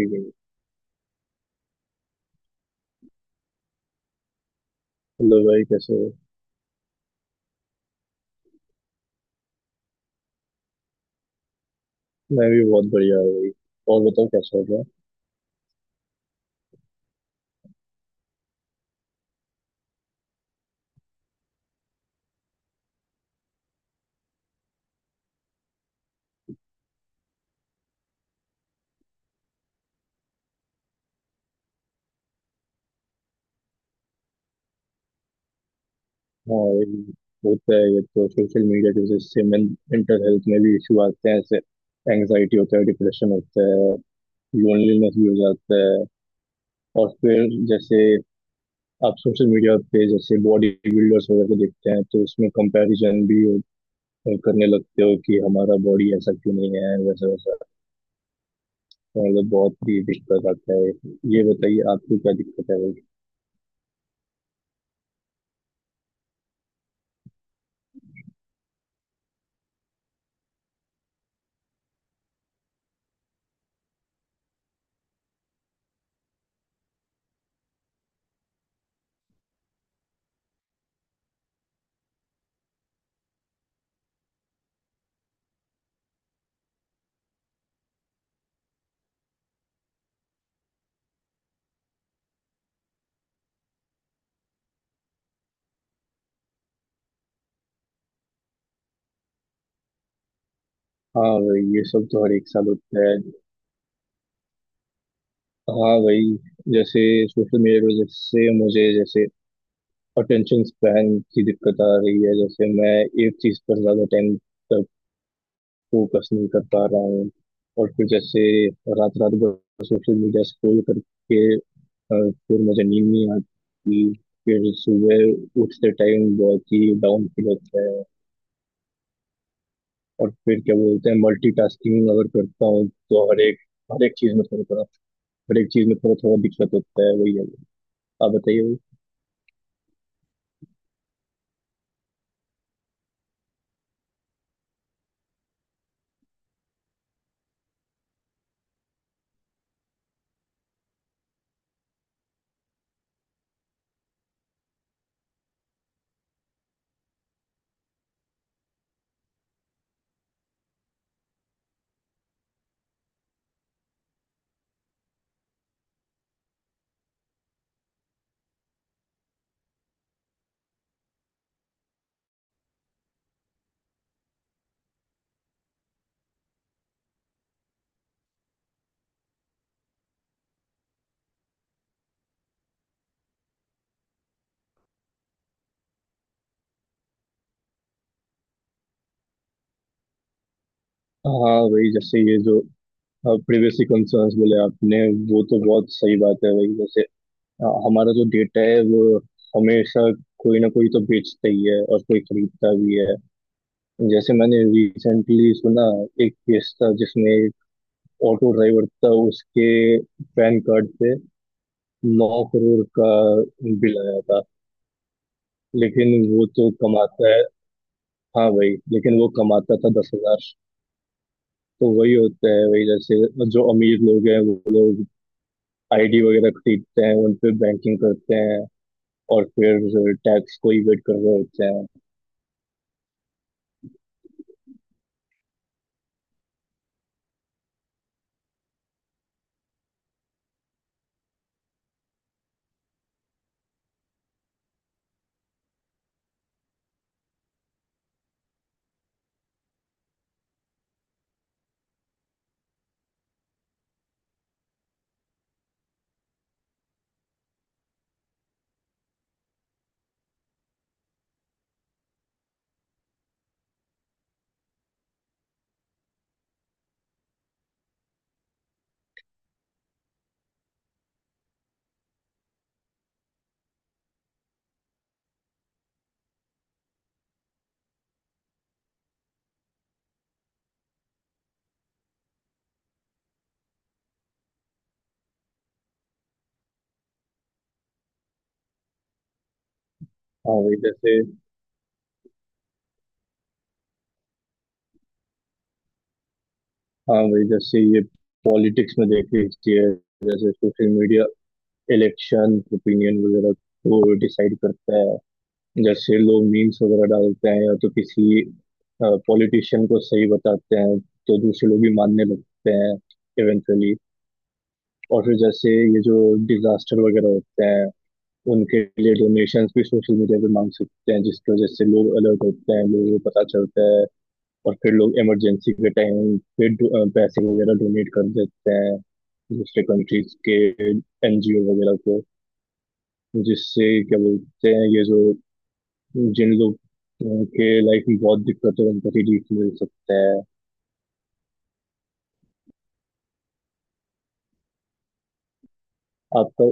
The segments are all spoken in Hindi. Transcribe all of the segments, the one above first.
ठीक है। हेलो भाई कैसे हो? मैं भी बहुत बढ़िया हूँ भाई। और बताओ क्या चल रहा है? हाँ भाई, होता है। ये तो सोशल मीडिया की वजह से मेंटल हेल्थ में भी इशू आते हैं ऐसे। एंग्जाइटी होता है, डिप्रेशन होता है, लोनलीनेस भी हो जाता है। और फिर जैसे आप सोशल मीडिया पे जैसे बॉडी बिल्डर्स वगैरह को देखते हैं तो उसमें कंपैरिजन भी करने लगते हो कि हमारा बॉडी ऐसा क्यों नहीं है, वैसा वैसा। तो मतलब बहुत ही दिक्कत आता है। ये बताइए आपको क्या दिक्कत है? हाँ भाई, ये सब तो हर एक साल होता है। हाँ भाई, जैसे सोशल मीडिया की वजह से मुझे जैसे अटेंशन स्पैन की दिक्कत आ रही है। जैसे मैं एक चीज पर ज्यादा टाइम तक फोकस नहीं कर पा रहा हूँ। और फिर जैसे रात रात भर सोशल मीडिया स्क्रॉल करके फिर मुझे नींद नहीं आती। फिर सुबह उठते टाइम बहुत ही डाउन फील होता है। और फिर क्या बोलते हैं मल्टीटास्किंग अगर करता हूँ तो हर एक चीज में थोड़ा थोड़ा हर एक चीज में थोड़ा थोड़ा दिक्कत होता है, वही है। आप बताइए वही। हाँ वही जैसे ये जो प्रिवेसी कंसर्न्स बोले आपने, वो तो बहुत सही बात है। वही जैसे हमारा जो डेटा है वो हमेशा कोई ना कोई तो बेचता ही है और कोई खरीदता भी है। जैसे मैंने रिसेंटली सुना एक केस था जिसमें एक ऑटो ड्राइवर था, उसके पैन कार्ड पे 9 करोड़ का बिल आया था। लेकिन वो तो कमाता है। हाँ भाई, लेकिन वो कमाता था 10,000। तो वही होता है। वही जैसे जो अमीर लोग हैं वो लोग आईडी वगैरह खरीदते हैं, उन पे बैंकिंग करते हैं और फिर टैक्स को इवेट कर रहे होते हैं। हाँ वही जैसे हाँ वही जैसे ये पॉलिटिक्स में देख लीजिए। जैसे सोशल मीडिया इलेक्शन ओपिनियन वगैरह को डिसाइड करता है। जैसे लोग मीम्स वगैरह डालते हैं या तो किसी पॉलिटिशियन को सही बताते हैं, तो दूसरे लोग भी मानने लगते हैं इवेंचुअली। और फिर जैसे ये जो डिजास्टर वगैरह होते हैं, उनके लिए डोनेशंस भी सोशल मीडिया पे मांग सकते हैं, जिसकी वजह से लोग अलर्ट होते हैं, लोगों को पता चलता है। और फिर लोग इमरजेंसी के टाइम पे पैसे वगैरह डोनेट कर देते हैं दूसरे कंट्रीज के एनजीओ वगैरह को। जिससे क्या बोलते हैं, ये जो जिन लोग अ, के लाइफ में बहुत दिक्कत है उनको रिलीफ मिल सकता है। आपका।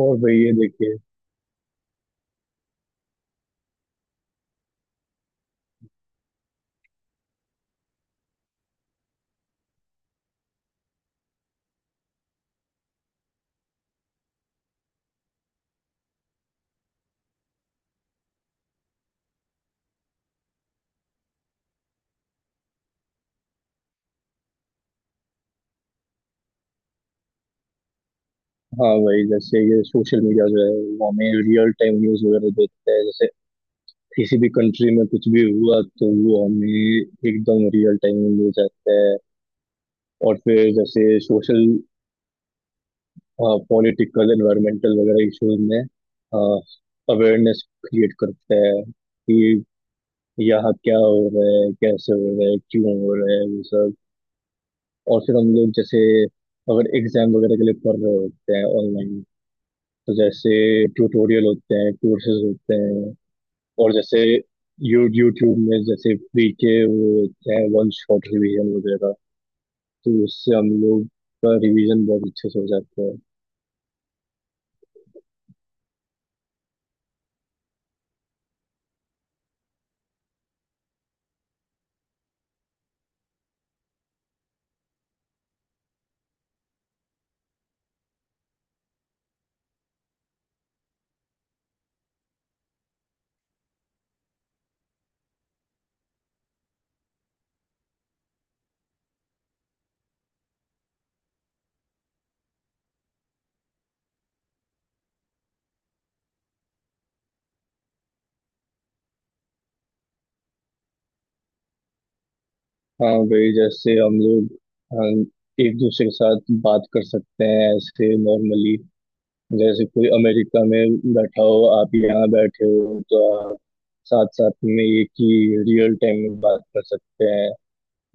और भाई ये देखिए। हाँ भाई, जैसे ये सोशल मीडिया जो है वो हमें रियल टाइम न्यूज़ वगैरह देता है। जैसे किसी भी कंट्री में कुछ भी हुआ तो वो हमें एकदम रियल टाइम में मिल जाता है। और फिर जैसे सोशल पॉलिटिकल एनवायरमेंटल वगैरह इश्यूज में अवेयरनेस क्रिएट करता है कि यहाँ क्या हो रहा है, कैसे हो रहा है, क्यों हो रहा है, वो सब। और फिर हम लोग जैसे अगर एग्जाम वगैरह के लिए पढ़ रहे होते हैं ऑनलाइन, तो जैसे ट्यूटोरियल होते हैं, कोर्सेज होते हैं। और जैसे यू यूट्यूब में जैसे फ्री के, वो क्या है, वन शॉट रिवीजन वगैरह, तो उससे हम लोग का रिवीजन बहुत अच्छे से हो जाता है। हाँ वही जैसे हम लोग, हाँ, एक दूसरे के साथ बात कर सकते हैं ऐसे नॉर्मली। जैसे कोई अमेरिका में बैठा हो, आप यहाँ बैठे हो, तो आप साथ साथ में एक ही रियल टाइम में बात कर सकते हैं।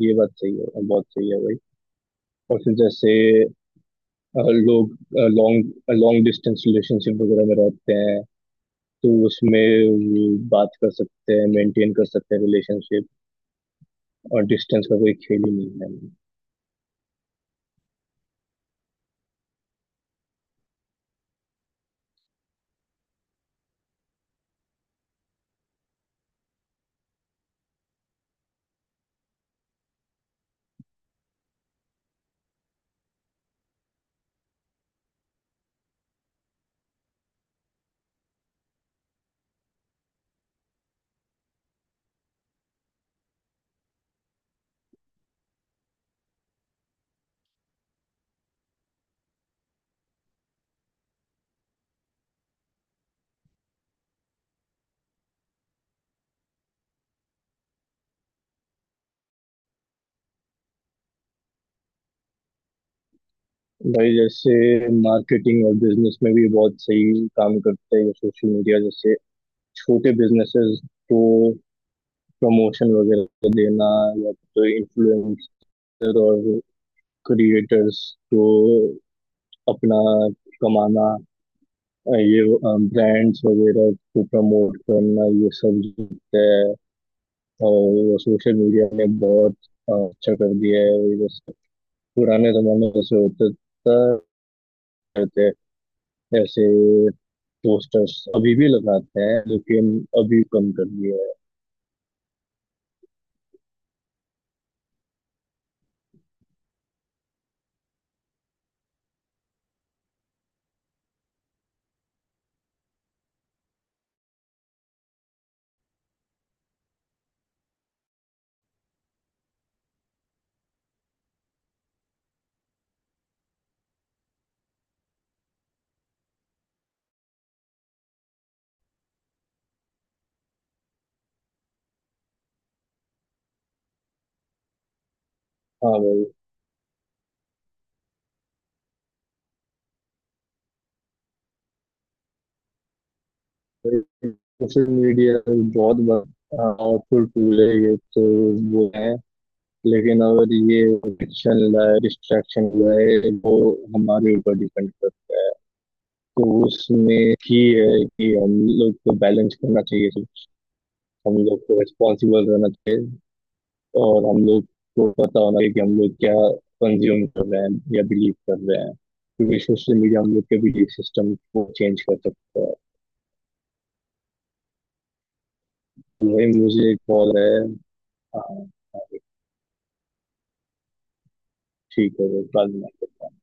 ये बात सही है, बहुत सही है भाई। और फिर जैसे लोग लॉन्ग लॉन्ग डिस्टेंस रिलेशनशिप वगैरह में रहते हैं, तो उसमें वो बात कर सकते हैं, मेंटेन कर सकते हैं रिलेशनशिप, और डिस्टेंस का कोई खेल ही नहीं है। भाई, जैसे मार्केटिंग और बिजनेस में भी बहुत सही काम करते हैं सोशल मीडिया, जैसे छोटे बिजनेसेस को प्रमोशन वगैरह देना, या तो इन्फ्लुएंसर और क्रिएटर्स को अपना कमाना, हाँ, ये ब्रांड्स वगैरह को प्रमोट करना, ये सब जितना है। और सोशल मीडिया ने बहुत अच्छा कर दिया है। जैसे पुराने जमाने में ऐसे होता था, रहते ऐसे पोस्टर्स अभी भी लगाते हैं, लेकिन अभी कम कर दिया है। हाँ भाई, सोशल मीडिया बहुत पावरफुल टूल है ये तो, वो है। लेकिन अगर ये एडिक्शन लाए, डिस्ट्रैक्शन लाए, वो हमारे ऊपर डिपेंड करता है। तो उसमें ही है कि हम लोग को बैलेंस करना चाहिए सब, हम लोग को रिस्पॉन्सिबल रहना चाहिए, और हम लोग को पता होना चाहिए कि हम लोग क्या कंज्यूम कर रहे हैं या बिलीव कर रहे हैं, क्योंकि सोशल मीडिया हम लोग के बिलीव सिस्टम को चेंज कर सकता है। वही मुझे कॉल है। हाँ, हाँ, ठीक है, वो बाद में बात करता हूँ।